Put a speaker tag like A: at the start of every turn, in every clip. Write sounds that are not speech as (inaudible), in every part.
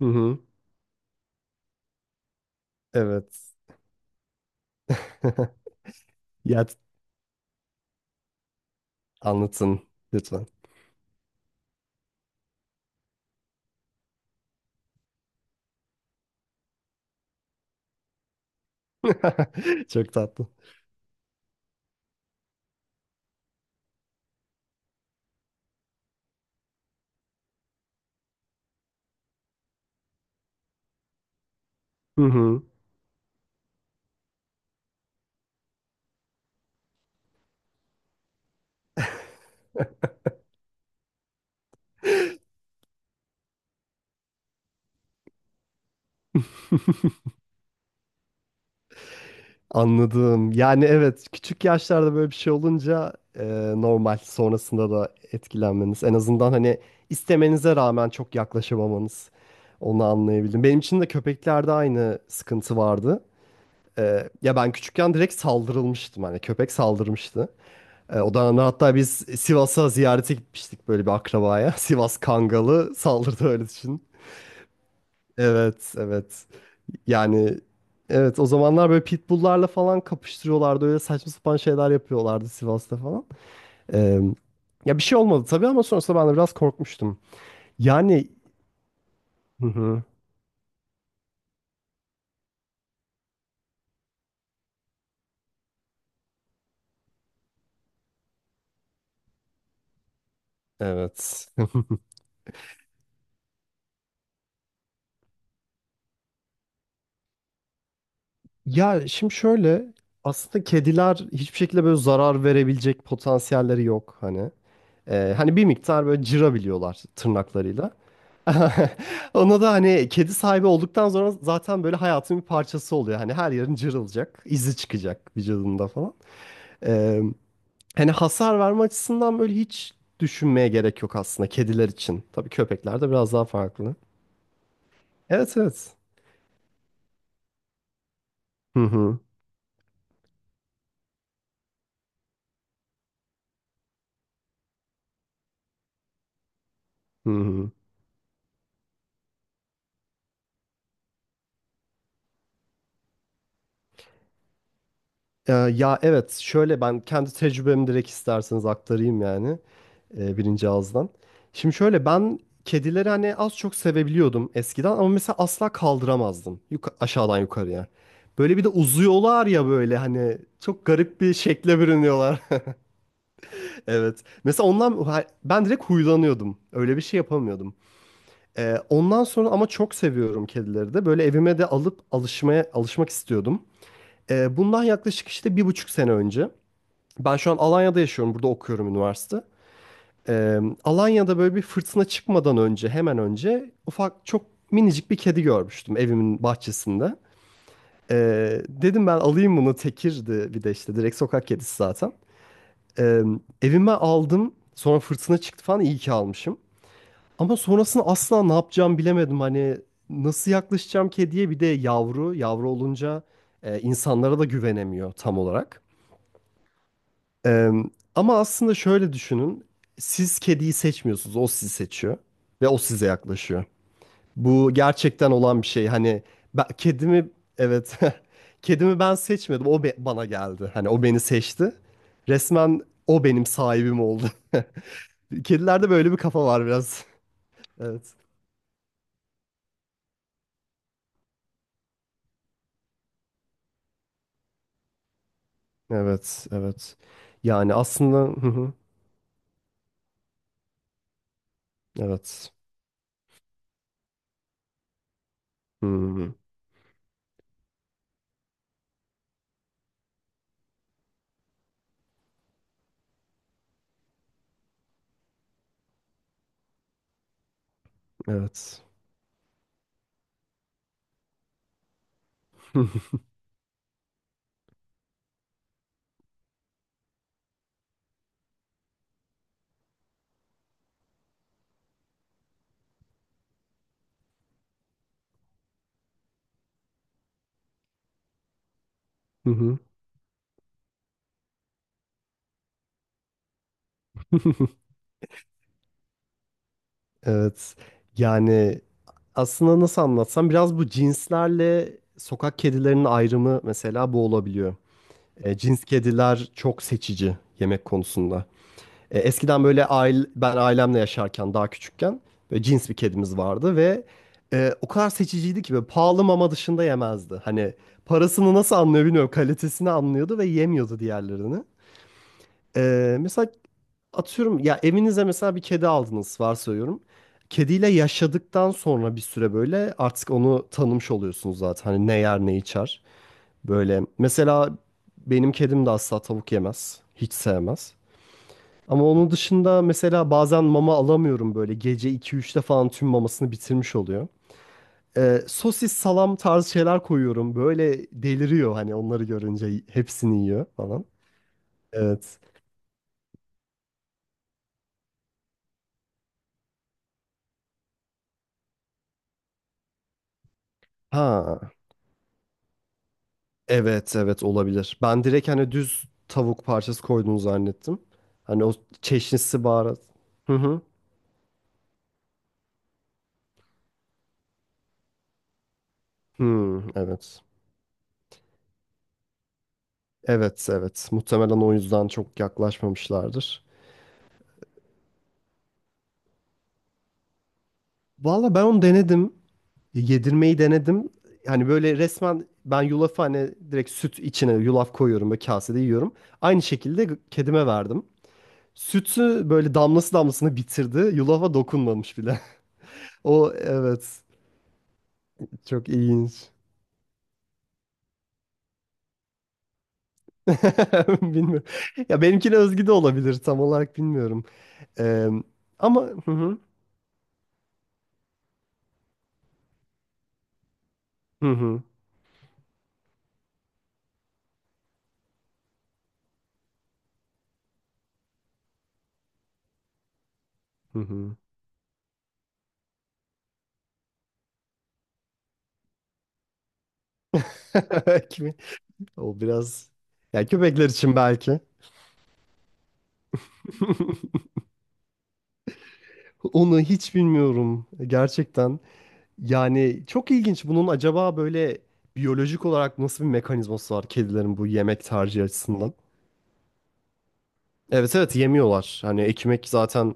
A: Hı hı. Evet. (laughs) Ya anlatın lütfen. (laughs) Çok tatlı. Hı hı. Anladım. Yani evet, küçük yaşlarda böyle bir şey olunca normal, sonrasında da etkilenmeniz. En azından hani istemenize rağmen çok yaklaşamamanız. Onu anlayabildim. Benim için de köpeklerde aynı sıkıntı vardı. Ya ben küçükken direkt saldırılmıştım. Hani köpek saldırmıştı. O da hatta biz Sivas'a ziyarete gitmiştik böyle bir akrabaya. (laughs) Sivas Kangalı saldırdı, öyle düşün. Evet, evet. Yani evet, o zamanlar böyle pitbulllarla falan kapıştırıyorlardı. Öyle saçma sapan şeyler yapıyorlardı Sivas'ta falan. E, Ya bir şey olmadı tabii, ama sonrasında ben de biraz korkmuştum. Yani. Hı hı. Evet. (laughs) Ya şimdi şöyle, aslında kediler hiçbir şekilde böyle zarar verebilecek potansiyelleri yok hani. Hani bir miktar böyle cırabiliyorlar tırnaklarıyla. (laughs) Ona da hani kedi sahibi olduktan sonra zaten böyle hayatın bir parçası oluyor. Hani her yerin cırılacak, izi çıkacak vücudunda falan. Ee, Hani hasar verme açısından böyle hiç düşünmeye gerek yok aslında kediler için. Tabii köpekler de biraz daha farklı. Evet, evet. Hı hı. Hı hı. Ya evet, şöyle ben kendi tecrübemi direkt isterseniz aktarayım, yani birinci ağızdan. Şimdi şöyle, ben kedileri hani az çok sevebiliyordum eskiden, ama mesela asla kaldıramazdım aşağıdan yukarıya. Böyle bir de uzuyorlar ya böyle, hani çok garip bir şekle bürünüyorlar. (laughs) Evet, mesela ondan ben direkt huylanıyordum, öyle bir şey yapamıyordum. Ondan sonra ama çok seviyorum kedileri de, böyle evime de alıp alışmaya alışmak istiyordum. Bundan yaklaşık işte bir buçuk sene önce. Ben şu an Alanya'da yaşıyorum. Burada okuyorum, üniversite. Alanya'da böyle bir fırtına çıkmadan önce, hemen önce ufak, çok minicik bir kedi görmüştüm evimin bahçesinde. Dedim ben alayım bunu. Tekirdi bir de, işte direkt sokak kedisi zaten. Ee, Evime aldım. Sonra fırtına çıktı falan. İyi ki almışım. Ama sonrasında asla ne yapacağım bilemedim. Hani nasıl yaklaşacağım kediye? Bir de yavru. Yavru olunca insanlara da güvenemiyor tam olarak. Eee, Ama aslında şöyle düşünün. Siz kediyi seçmiyorsunuz. O sizi seçiyor. Ve o size yaklaşıyor. Bu gerçekten olan bir şey. Hani ben, kedimi, evet, (laughs) kedimi ben seçmedim. O bana geldi. Hani o beni seçti. Resmen o benim sahibim oldu. (laughs) Kedilerde böyle bir kafa var biraz. (laughs) Evet. Evet, evet. Yani aslında, hı hı, evet. Hı hı, evet. (laughs) Hı hı, (laughs) evet. Yani aslında nasıl anlatsam, biraz bu cinslerle sokak kedilerinin ayrımı mesela bu olabiliyor. Cins kediler çok seçici yemek konusunda. Eskiden böyle aile, ben ailemle yaşarken daha küçükken böyle cins bir kedimiz vardı ve o kadar seçiciydi ki böyle pahalı mama dışında yemezdi. Hani parasını nasıl anlıyor bilmiyorum, kalitesini anlıyordu ve yemiyordu diğerlerini. E, mesela Atıyorum ya, evinize mesela bir kedi aldınız, varsayıyorum. Kediyle yaşadıktan sonra bir süre böyle artık onu tanımış oluyorsunuz zaten. Hani ne yer, ne içer. Böyle mesela benim kedim de asla tavuk yemez. Hiç sevmez. Ama onun dışında mesela bazen mama alamıyorum böyle. Gece iki 3te falan tüm mamasını bitirmiş oluyor. Sosis, salam tarzı şeyler koyuyorum. Böyle deliriyor, hani onları görünce hepsini yiyor falan. Evet. Ha. Evet, evet, olabilir. Ben direkt hani düz tavuk parçası koyduğunu zannettim. Hani o çeşnisi, baharat. Hı hı. Hı, evet. Evet, evet. Muhtemelen o yüzden çok yaklaşmamışlardır. Valla, ben onu denedim. Yedirmeyi denedim. Hani böyle resmen ben yulafı, hani direkt süt içine yulaf koyuyorum ve kasede yiyorum. Aynı şekilde kedime verdim. Sütü böyle damlası damlasına bitirdi. Yulafa dokunmamış bile. (laughs) O, evet. Çok ilginç. (laughs) Bilmiyorum. Ya benimkine özgü de olabilir. Tam olarak bilmiyorum. Eee, Ama hı hı, hı hı, hı hı. (laughs) Kimi? O biraz, ya köpekler için belki. (laughs) Onu hiç bilmiyorum gerçekten. Yani çok ilginç. Bunun acaba böyle biyolojik olarak nasıl bir mekanizması var kedilerin, bu yemek tercihi açısından? Evet, evet, yemiyorlar. Hani ekmek zaten,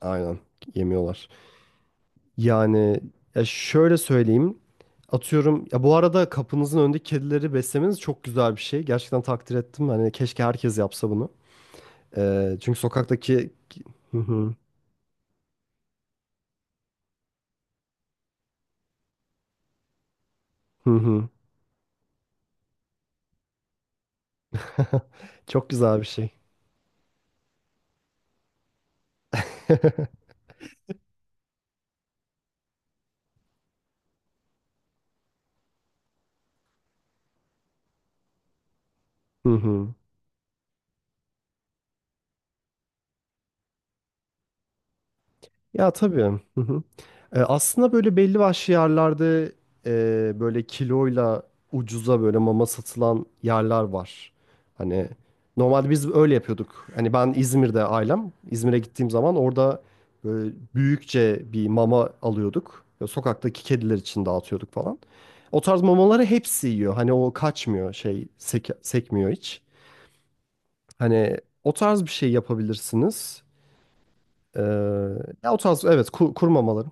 A: aynen, yemiyorlar. Yani ya şöyle söyleyeyim. Atıyorum ya, bu arada kapınızın önündeki kedileri beslemeniz çok güzel bir şey. Gerçekten takdir ettim. Hani keşke herkes yapsa bunu. Çünkü sokaktaki. Hı hı, hı hı. (laughs) Çok güzel bir şey. (laughs) Hı hı. Ya tabii. Hı hı. Aslında böyle belli başlı yerlerde böyle kiloyla ucuza böyle mama satılan yerler var. Hani normalde biz öyle yapıyorduk. Hani ben İzmir'de, ailem. İzmir'e gittiğim zaman orada böyle büyükçe bir mama alıyorduk. Ya sokaktaki kediler için dağıtıyorduk falan. O tarz mamaları hepsi yiyor. Hani o kaçmıyor, şey, sekmiyor hiç. Hani o tarz bir şey yapabilirsiniz. Ee, Ya o tarz, evet, kurmamaları.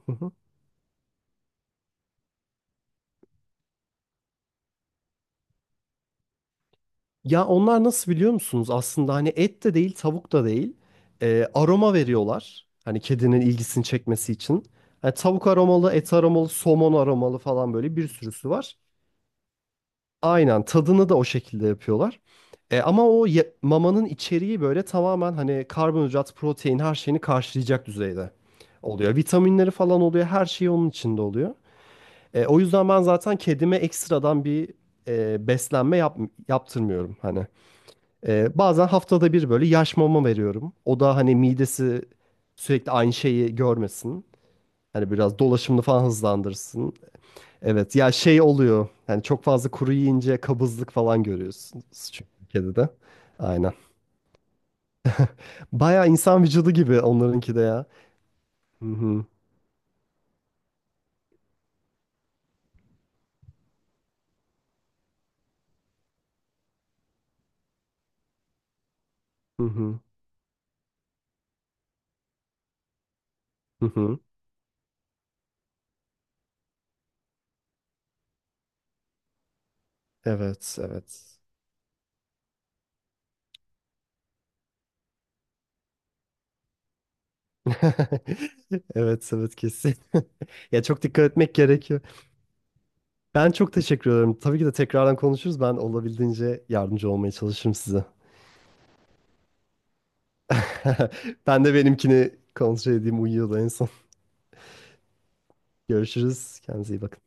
A: Ya onlar nasıl biliyor musunuz? Aslında hani et de değil, tavuk da değil. Aroma veriyorlar. Hani kedinin ilgisini çekmesi için. Hani tavuk aromalı, et aromalı, somon aromalı falan böyle bir sürüsü var. Aynen, tadını da o şekilde yapıyorlar. Ama o mamanın içeriği böyle tamamen hani karbonhidrat, protein, her şeyini karşılayacak düzeyde oluyor. Vitaminleri falan oluyor. Her şey onun içinde oluyor. O yüzden ben zaten kedime ekstradan bir beslenme yaptırmıyorum hani. Bazen haftada bir böyle yaş mama veriyorum. O da hani midesi sürekli aynı şeyi görmesin. Hani biraz dolaşımını falan hızlandırsın. Evet, ya şey oluyor. Yani çok fazla kuru yiyince kabızlık falan görüyorsunuz çünkü kedide. Aynen. Bayağı insan vücudu gibi onlarınki de ya. Hı hı, hı hı, hı. Hı. Evet, evet. (laughs) Evet, evet, kesin. (laughs) Ya çok dikkat etmek gerekiyor. Ben çok teşekkür ederim. Tabii ki de tekrardan konuşuruz. Ben olabildiğince yardımcı olmaya çalışırım size. (laughs) Ben de benimkini kontrol edeyim. Uyuyordu en son. Görüşürüz. Kendinize iyi bakın.